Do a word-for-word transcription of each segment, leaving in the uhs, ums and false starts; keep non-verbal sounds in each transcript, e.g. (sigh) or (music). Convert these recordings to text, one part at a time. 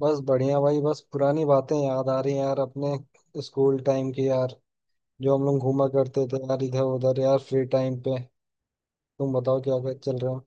बस बढ़िया भाई। बस पुरानी बातें याद आ रही हैं यार, अपने स्कूल टाइम की यार। जो हम लोग घूमा करते थे यार, इधर उधर यार, फ्री टाइम पे। तुम बताओ, क्या क्या चल रहा है?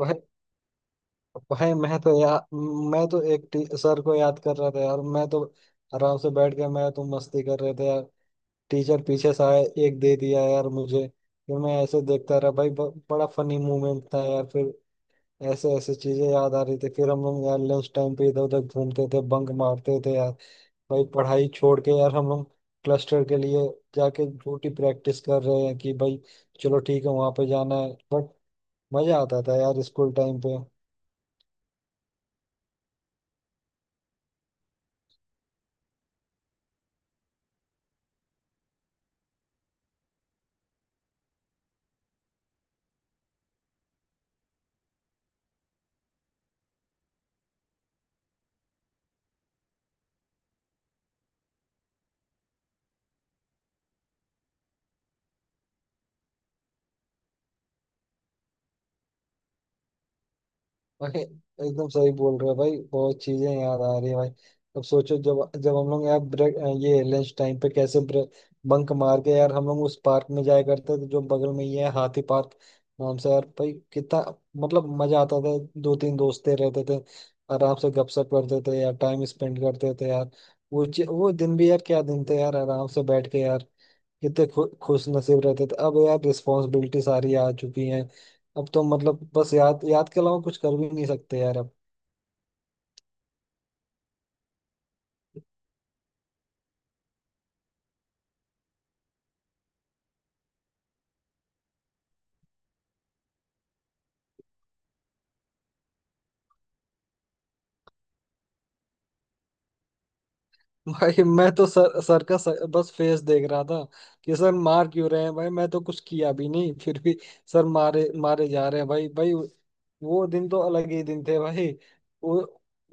भाई भाई मैं तो यार मैं तो एक टी, सर को याद कर रहा था यार। मैं तो आराम से बैठ के, मैं तुम मस्ती कर रहे थे यार। टीचर पीछे से आए, एक दे दिया यार मुझे। फिर मैं ऐसे देखता रहा भाई। ब, बड़ा फनी मोमेंट था यार। फिर ऐसे ऐसे चीजें याद आ रही थी। फिर हम लोग यार लंच टाइम पे इधर उधर घूमते थे, बंक मारते थे यार। भाई पढ़ाई छोड़ के यार, हम हम क्लस्टर के लिए जाके झूठी प्रैक्टिस कर रहे हैं कि भाई चलो ठीक है, वहां पे जाना है। बट मजा आता था यार स्कूल टाइम पे। भाई एकदम सही बोल रहे हो भाई, बहुत चीजें याद आ रही है भाई। अब सोचो, जब जब हम लोग यार ब्रेक, ये लंच टाइम पे कैसे ब्रेक, बंक मार के यार हम लोग उस पार्क में जाया करते थे जो बगल में ही है, हाथी पार्क नाम से यार। भाई कितना मतलब मजा आता था। दो तीन दोस्तें रहते थे, आराम से गपशप करते थे यार, टाइम स्पेंड करते थे यार। वो चि- वो दिन भी यार, क्या दिन थे यार! आराम से बैठ के यार। कितने खु, खुश नसीब रहते थे। अब यार रिस्पॉन्सिबिलिटी सारी आ चुकी हैं। अब तो मतलब बस याद, याद के अलावा कुछ कर भी नहीं सकते यार अब। (laughs) भाई मैं तो सर सर का सर, बस फेस देख रहा था कि सर मार क्यों रहे हैं भाई, मैं तो कुछ किया भी नहीं। (laughs) फिर भी सर मारे मारे जा रहे हैं भाई। भाई वो दिन तो अलग ही दिन थे भाई। वो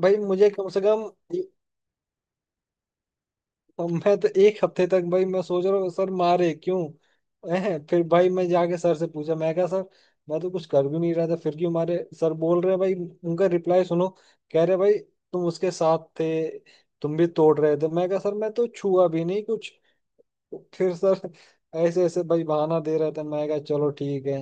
भाई मुझे कम से कम, अब मैं तो एक हफ्ते तक भाई मैं सोच रहा हूँ, सर मारे क्यों हैं? फिर भाई मैं जाके सर से पूछा, मैं कहा सर मैं तो कुछ कर भी नहीं रहा था फिर क्यों मारे? सर बोल रहे हैं भाई, उनका रिप्लाई सुनो, कह रहे भाई तुम उसके साथ थे, तुम भी तोड़ रहे थे। मैं कहा सर, मैं तो छुआ भी नहीं कुछ। फिर सर ऐसे ऐसे भाई बहाना दे रहा था। मैं कहा चलो ठीक है।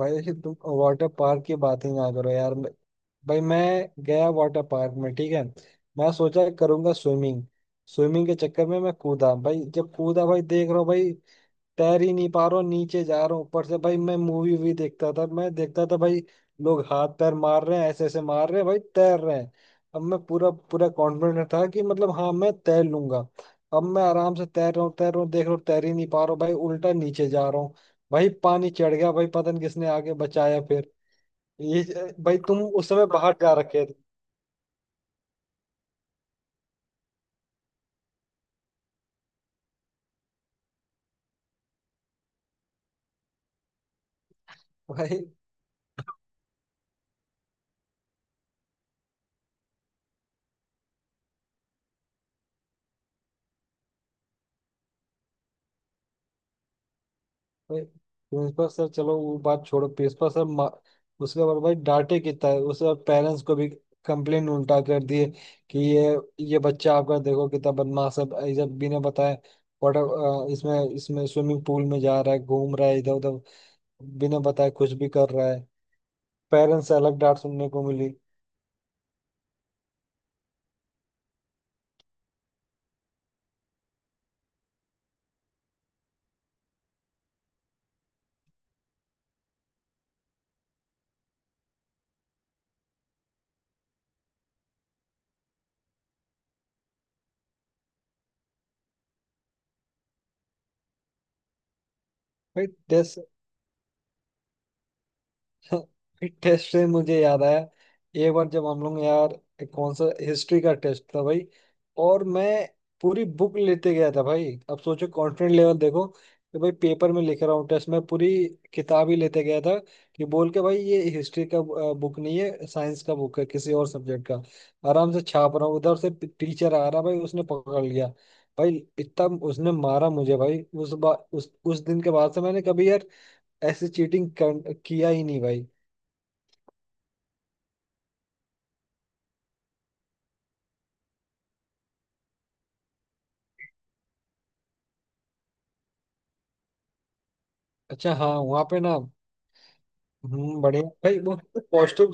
भाई तुम वाटर पार्क की बात ही ना करो यार। मैं- भाई मैं गया वाटर पार्क में, ठीक है। मैं सोचा करूंगा स्विमिंग। स्विमिंग के चक्कर में मैं कूदा भाई। जब कूदा भाई देख रहा हूँ भाई तैर ही नहीं पा रहा हूँ, नीचे जा रहा हूँ। ऊपर से भाई मैं मूवी वूवी देखता था, मैं देखता था भाई लोग हाथ पैर मार रहे हैं, ऐसे ऐसे मार रहे हैं भाई, तैर रहे हैं। अब मैं पूरा पूरा कॉन्फिडेंट था कि मतलब हाँ, मैं तैर लूंगा। अब मैं आराम से तैर रहा हूँ, तैर रहा हूँ, देख रहा हूँ तैर ही नहीं पा रहा हूँ भाई, उल्टा नीचे जा रहा हूँ। भाई पानी चढ़ गया भाई, पता नहीं किसने आगे बचाया फिर। ये भाई तुम उस समय बाहर जा रखे थे। (laughs) भाई भाई प्रिंसिपल सर, चलो वो बात छोड़ो। प्रिंसिपल सर मा- उसके बाद भाई डांटे कितना है। उसके बाद पेरेंट्स को भी कंप्लेन उल्टा कर दिए कि ये ये बच्चा आपका देखो कितना बदमाश है, ये जब बिना बताए वाटर इसमें इसमें स्विमिंग पूल में जा रहा है, घूम रहा है इधर उधर, बिना बताए कुछ भी कर रहा है। पेरेंट्स से अलग डांट सुनने को मिली। भाई, टेस्ट से मुझे याद आया। एक बार जब हम लोग यार, एक कौन सा हिस्ट्री का टेस्ट था भाई, और मैं पूरी बुक लेते गया था भाई। अब सोचो कॉन्फिडेंट लेवल देखो कि भाई पेपर में लिख रहा हूँ, टेस्ट में पूरी किताब ही लेते गया था, कि बोल के भाई ये हिस्ट्री का बुक नहीं है, साइंस का बुक है, किसी और सब्जेक्ट का। आराम से छाप रहा हूँ, उधर से टीचर आ रहा भाई, उसने पकड़ लिया भाई। इतना उसने मारा मुझे भाई। उस बा, उस उस दिन के बाद से मैंने कभी यार ऐसी चीटिंग किया ही नहीं भाई। अच्छा हाँ, वहाँ पे ना। हम्म, बढ़िया भाई। वो पॉजिटिव।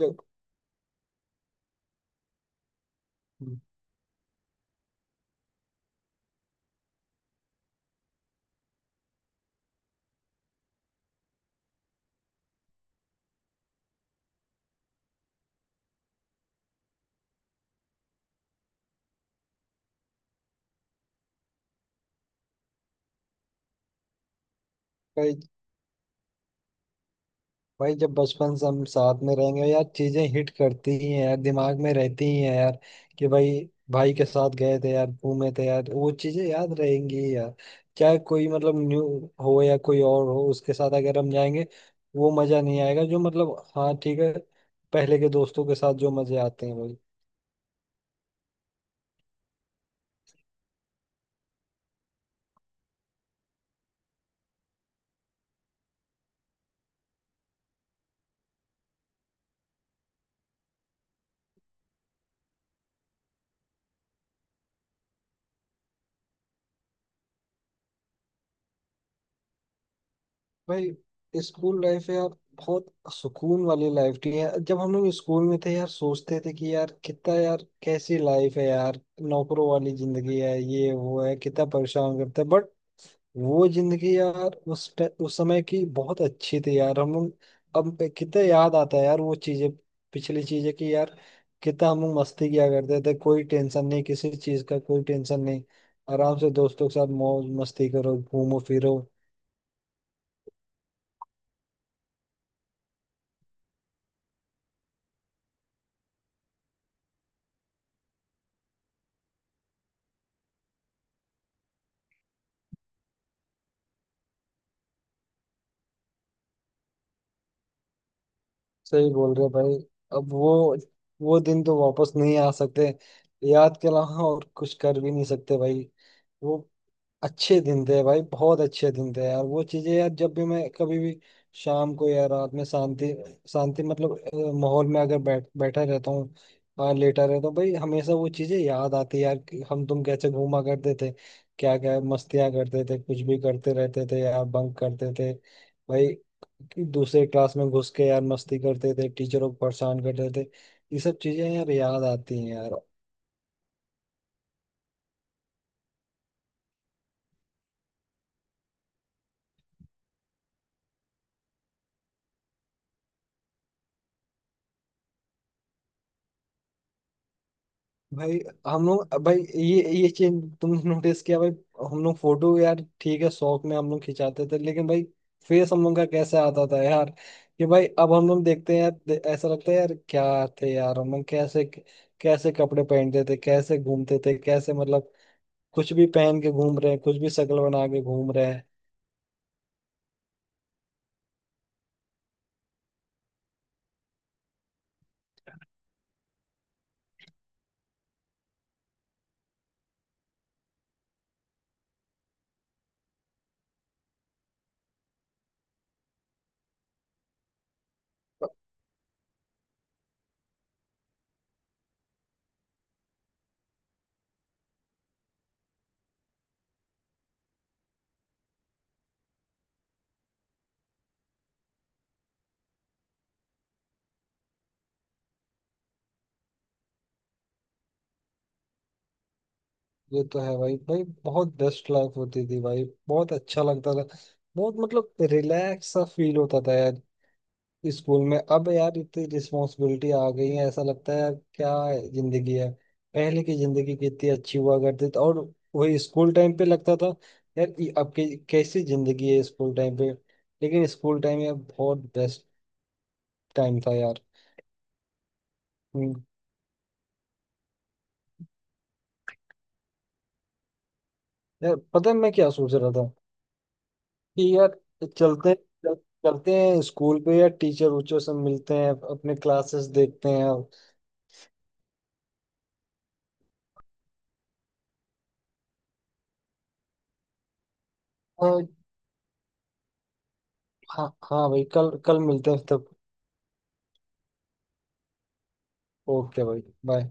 भाई, भाई जब बचपन से हम साथ में रहेंगे यार, चीजें हिट करती ही हैं यार, दिमाग में रहती ही हैं यार कि भाई, भाई के साथ गए थे यार, घूमे थे यार, वो चीजें याद रहेंगी ही यार। चाहे कोई मतलब न्यू हो या कोई और हो, उसके साथ अगर हम जाएंगे वो मजा नहीं आएगा, जो मतलब हाँ ठीक है, पहले के दोस्तों के साथ जो मजे आते हैं। भाई स्कूल लाइफ है यार, बहुत सुकून वाली लाइफ थी यार। जब हम लोग स्कूल में थे यार, सोचते थे कि यार कितना यार, कैसी लाइफ है यार, नौकरों वाली जिंदगी है, ये वो है, कितना परेशान करते हैं। बट वो जिंदगी यार, उस ट- उस समय की बहुत अच्छी थी यार। हम लोग अब पे- कितना याद आता है यार वो चीजें, पिछली चीजें, कि यार कितना हम लोग मस्ती किया करते थे, कोई टेंशन नहीं किसी चीज का, कोई टेंशन नहीं। आराम से दोस्तों के साथ मौज मस्ती करो, घूमो फिरो। सही बोल रहे हो भाई। अब वो वो दिन तो वापस नहीं आ सकते। याद के अलावा और कुछ कर भी नहीं सकते भाई। वो अच्छे दिन थे भाई, बहुत अच्छे दिन थे यार। वो चीजें यार, जब भी मैं कभी भी शाम को या रात में शांति, शांति मतलब अ, माहौल में अगर बैठ बैठा रहता हूँ और लेटा रहता हूँ भाई, हमेशा वो चीजें याद आती है यार, कि हम तुम कैसे घूमा करते थे, क्या क्या मस्तियाँ करते थे, कुछ भी करते रहते थे यार, बंक करते थे भाई कि दूसरे क्लास में घुस के यार मस्ती करते थे, टीचरों को परेशान करते थे। ये सब चीजें यार याद आती हैं यार। भाई हम लोग भाई, ये ये चीज तुमने नोटिस किया भाई? हम लोग फोटो यार, ठीक है शौक में हम लोग खिंचाते थे, लेकिन भाई फेस हम लोग का कैसे आता था यार, कि भाई अब हम लोग देखते हैं यार, दे- ऐसा लगता है यार क्या थे यार हम लोग, कैसे कैसे कपड़े पहनते थे, कैसे घूमते थे, कैसे मतलब कुछ भी पहन के घूम रहे हैं, कुछ भी शक्ल बना के घूम रहे हैं। ये तो है भाई। भाई बहुत बेस्ट लाइफ होती थी भाई, बहुत अच्छा लगता था, बहुत मतलब रिलैक्स सा फील होता था यार स्कूल में। अब यार इतनी रिस्पॉन्सिबिलिटी आ गई है, ऐसा लगता है यार क्या जिंदगी है। पहले की जिंदगी कितनी अच्छी हुआ करती थी। और वही स्कूल टाइम पे लगता था यार ये अब की कैसी जिंदगी है स्कूल टाइम पे। लेकिन स्कूल टाइम यार बहुत बेस्ट टाइम था यार। हम्म, यार पता है मैं क्या सोच रहा था, कि यार चलते चल, चलते हैं स्कूल पे यार, टीचर उचर से मिलते हैं, अपने क्लासेस देखते हैं। और हाँ हाँ भाई, कल कल मिलते हैं तब। ओके भाई, बाय।